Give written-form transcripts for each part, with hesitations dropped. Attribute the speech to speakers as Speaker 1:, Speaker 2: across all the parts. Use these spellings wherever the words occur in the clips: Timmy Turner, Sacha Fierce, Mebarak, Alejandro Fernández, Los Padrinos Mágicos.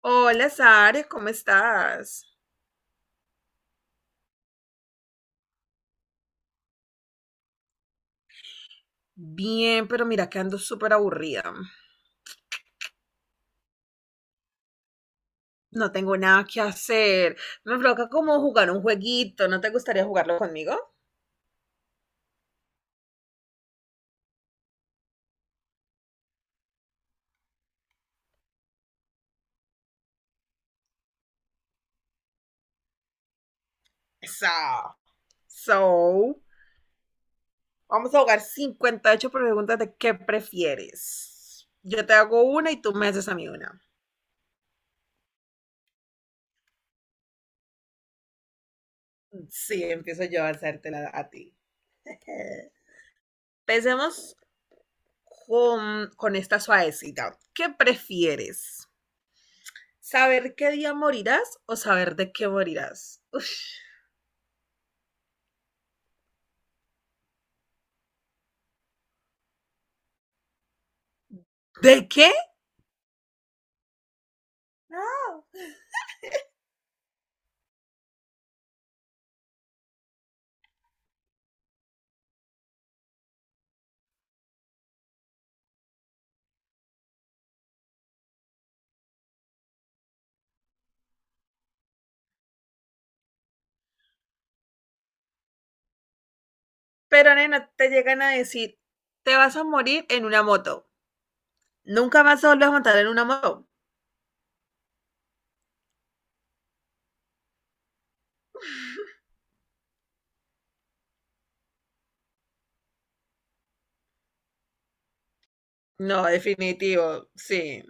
Speaker 1: Hola, Sare, ¿cómo estás? Bien, pero mira que ando súper aburrida. No tengo nada que hacer. Me provoca como jugar un jueguito. ¿No te gustaría jugarlo conmigo? Eso. So, vamos a jugar 58 preguntas de qué prefieres. Yo te hago una y tú me haces a mí una. Sí, empiezo yo a hacértela a ti. Empecemos con esta suavecita. ¿Qué prefieres? ¿Saber qué día morirás o saber de qué morirás? Uf. ¿De qué? No. Pero nena, te llegan a decir, te vas a morir en una moto. Nunca más te vuelves a montar en una moto. No, definitivo, sí.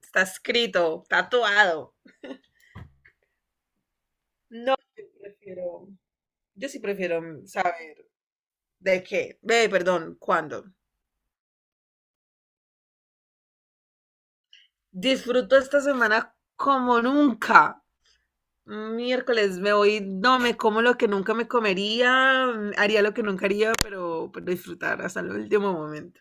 Speaker 1: Está escrito, tatuado. No, yo sí prefiero saber de qué. Ve, perdón, cuándo. Disfruto esta semana como nunca. Miércoles me voy, no me como lo que nunca me comería, haría lo que nunca haría, pero disfrutar hasta el último momento.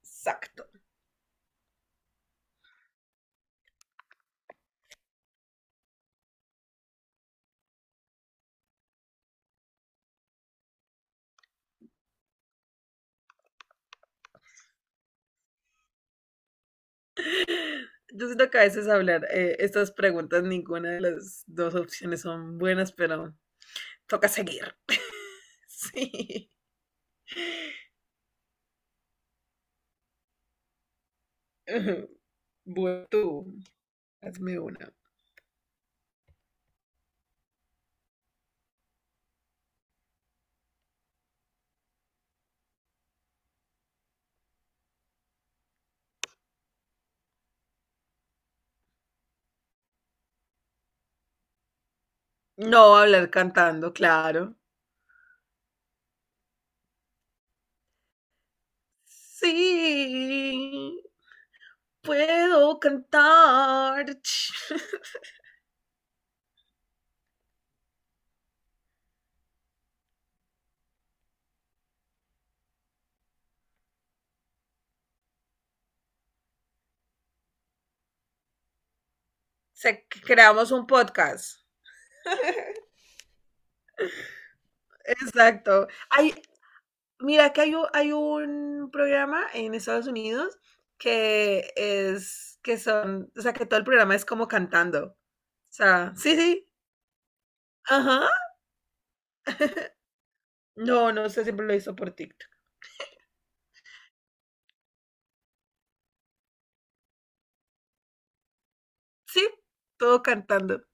Speaker 1: Exacto. Yo siento que a veces hablar estas preguntas, ninguna de las dos opciones son buenas, pero toca seguir. Sí. Bueno, tú, hazme una. No hablar cantando, claro. Sí, puedo cantar. Se creamos un podcast. Exacto. Mira, que hay un, programa en Estados Unidos que es, que son, o sea, que todo el programa es como cantando. O sea, sí, sí, ajá. No, no sé, siempre lo hizo por TikTok. Sí, todo cantando.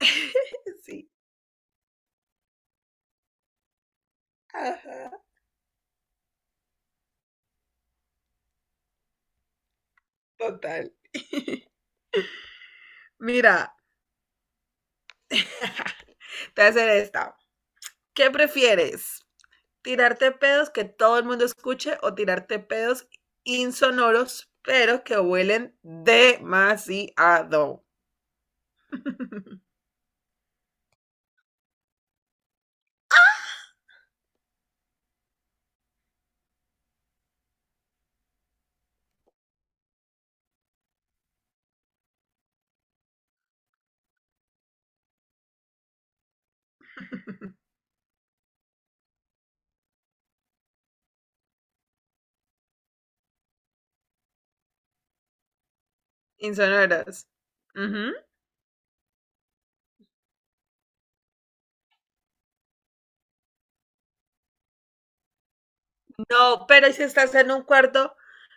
Speaker 1: Sí, ajá, total. Mira, te voy a hacer esta. ¿Qué prefieres? Tirarte pedos que todo el mundo escuche o tirarte pedos insonoros, pero que huelen demasiado. Insonoros. Ujú. No,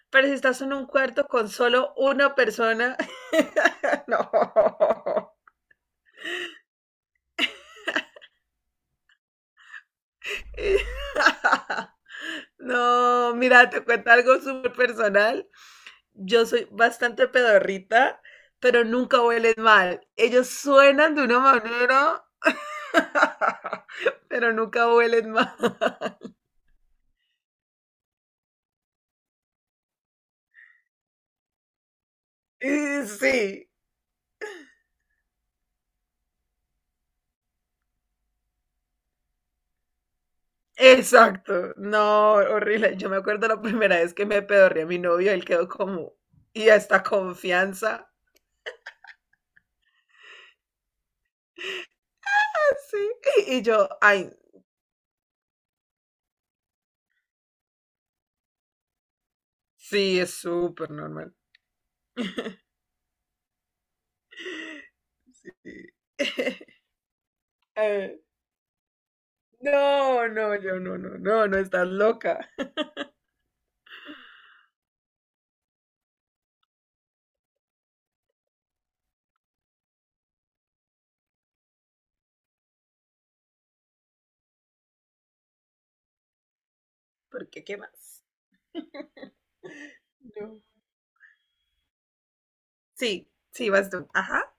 Speaker 1: pero si estás en un cuarto con solo una persona, no. No, mira, te cuento algo súper personal. Yo soy bastante pedorrita, pero nunca huelen mal. Ellos suenan de una manera, pero nunca huelen mal. Y sí, exacto. No, horrible. Yo me acuerdo la primera vez que me pedorré a mi novio, él quedó como, y esta confianza. Sí. Y yo, ay, sí, es súper normal. Sí. Eh, No, no, yo no, no, no, no estás loca. ¿Por qué? ¿Qué más? No. Sí, sí, vas tú. Ajá.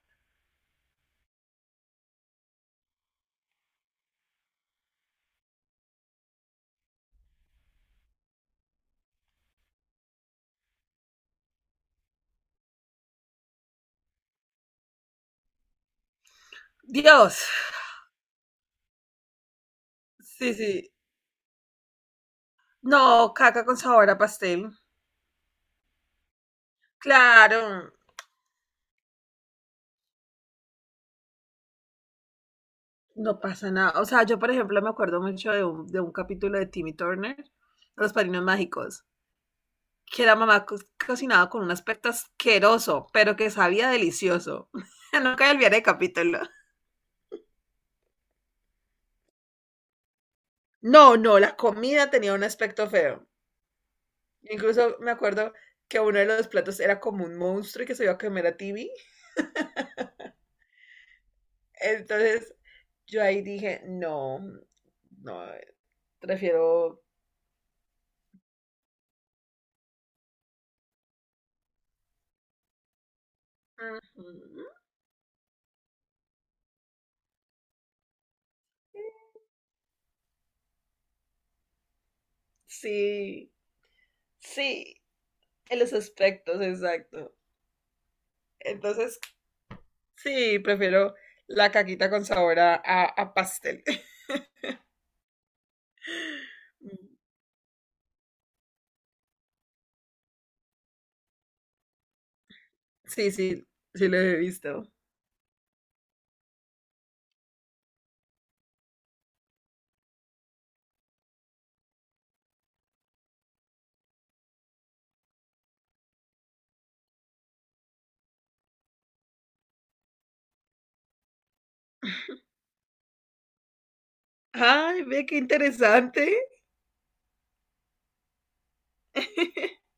Speaker 1: Dios. Sí, sí. No, caca con sabor a pastel. Claro, no pasa nada. O sea, yo, por ejemplo, me acuerdo mucho de un, capítulo de Timmy Turner, Los Padrinos Mágicos, que la mamá cocinaba con un aspecto asqueroso, pero que sabía delicioso. Nunca olvidaré el capítulo. No, no, la comida tenía un aspecto feo. Incluso me acuerdo que uno de los platos era como un monstruo y que se iba a comer a Timmy. Entonces yo ahí dije, no, no, prefiero. Ujú. Sí, sí, en los aspectos, exacto. Entonces, sí, prefiero la caquita con sabor a, a pastel. Sí, sí, sí lo he visto. Ay, ve qué interesante.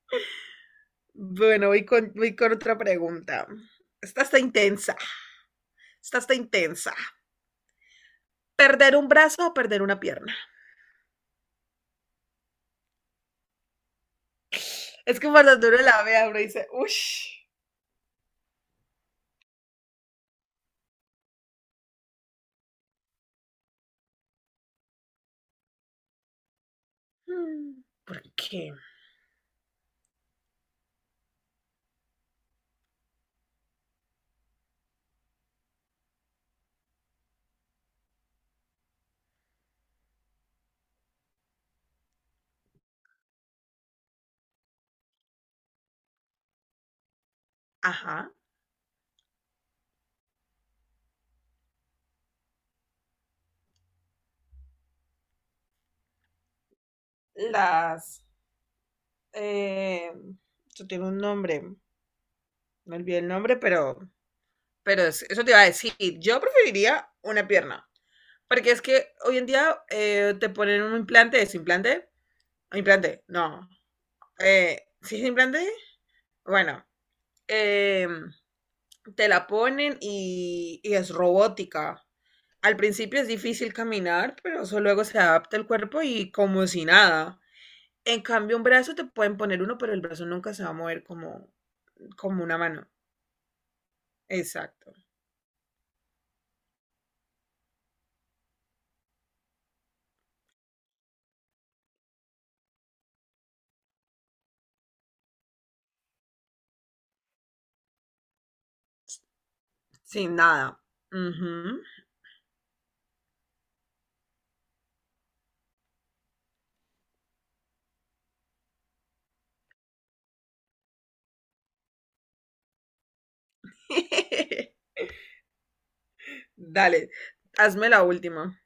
Speaker 1: Bueno, voy con, otra pregunta. Esta está intensa, esta está intensa. ¿Perder un brazo o perder una pierna? Es que cuando uno la vea, uno dice, uff. Porque, ajá, las. Eh, Esto tiene un nombre, me olvidé el nombre, pero. Pero eso te iba a decir, yo preferiría una pierna. Porque es que hoy en día te ponen un implante, ¿es implante? Implante, no. ¿Sí es implante? Bueno, eh, te la ponen y, es robótica. Al principio es difícil caminar, pero eso luego se adapta el cuerpo y como si nada. En cambio, un brazo te pueden poner uno, pero el brazo nunca se va a mover como una mano. Exacto. Sin nada. Ujú. Dale, hazme la última.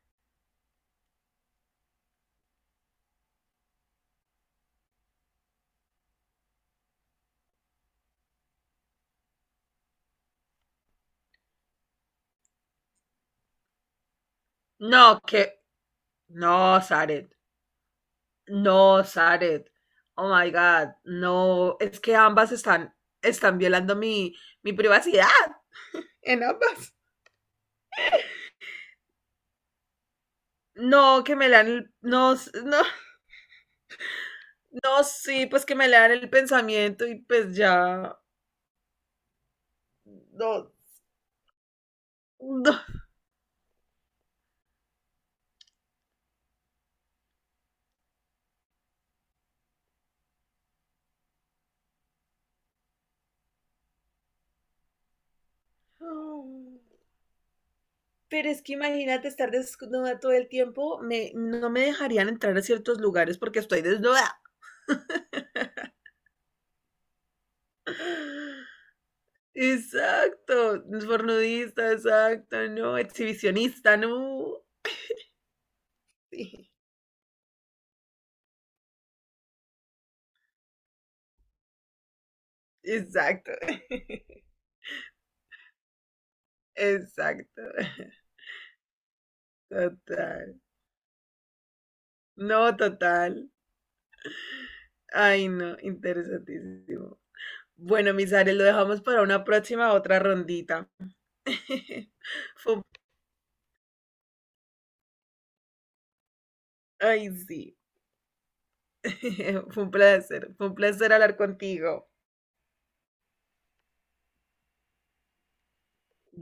Speaker 1: No, que. No, Zaret. No, Zaret. Oh my God. No, es que ambas están violando mi privacidad. En ambas. No, que me lean el. No, no, no, sí, pues que me lean el pensamiento y pues ya. No, no. Pero es que imagínate estar desnuda todo el tiempo, no me dejarían entrar a ciertos lugares porque estoy desnuda. Exacto, fornudista, exacto, no, exhibicionista, no. Sí, exacto, exacto, total, no, total. Ay, no, interesantísimo. Bueno, mis Ares, lo dejamos para una próxima otra rondita. Fue- Ay, sí. Fue un placer hablar contigo.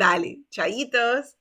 Speaker 1: Dale, chaitos.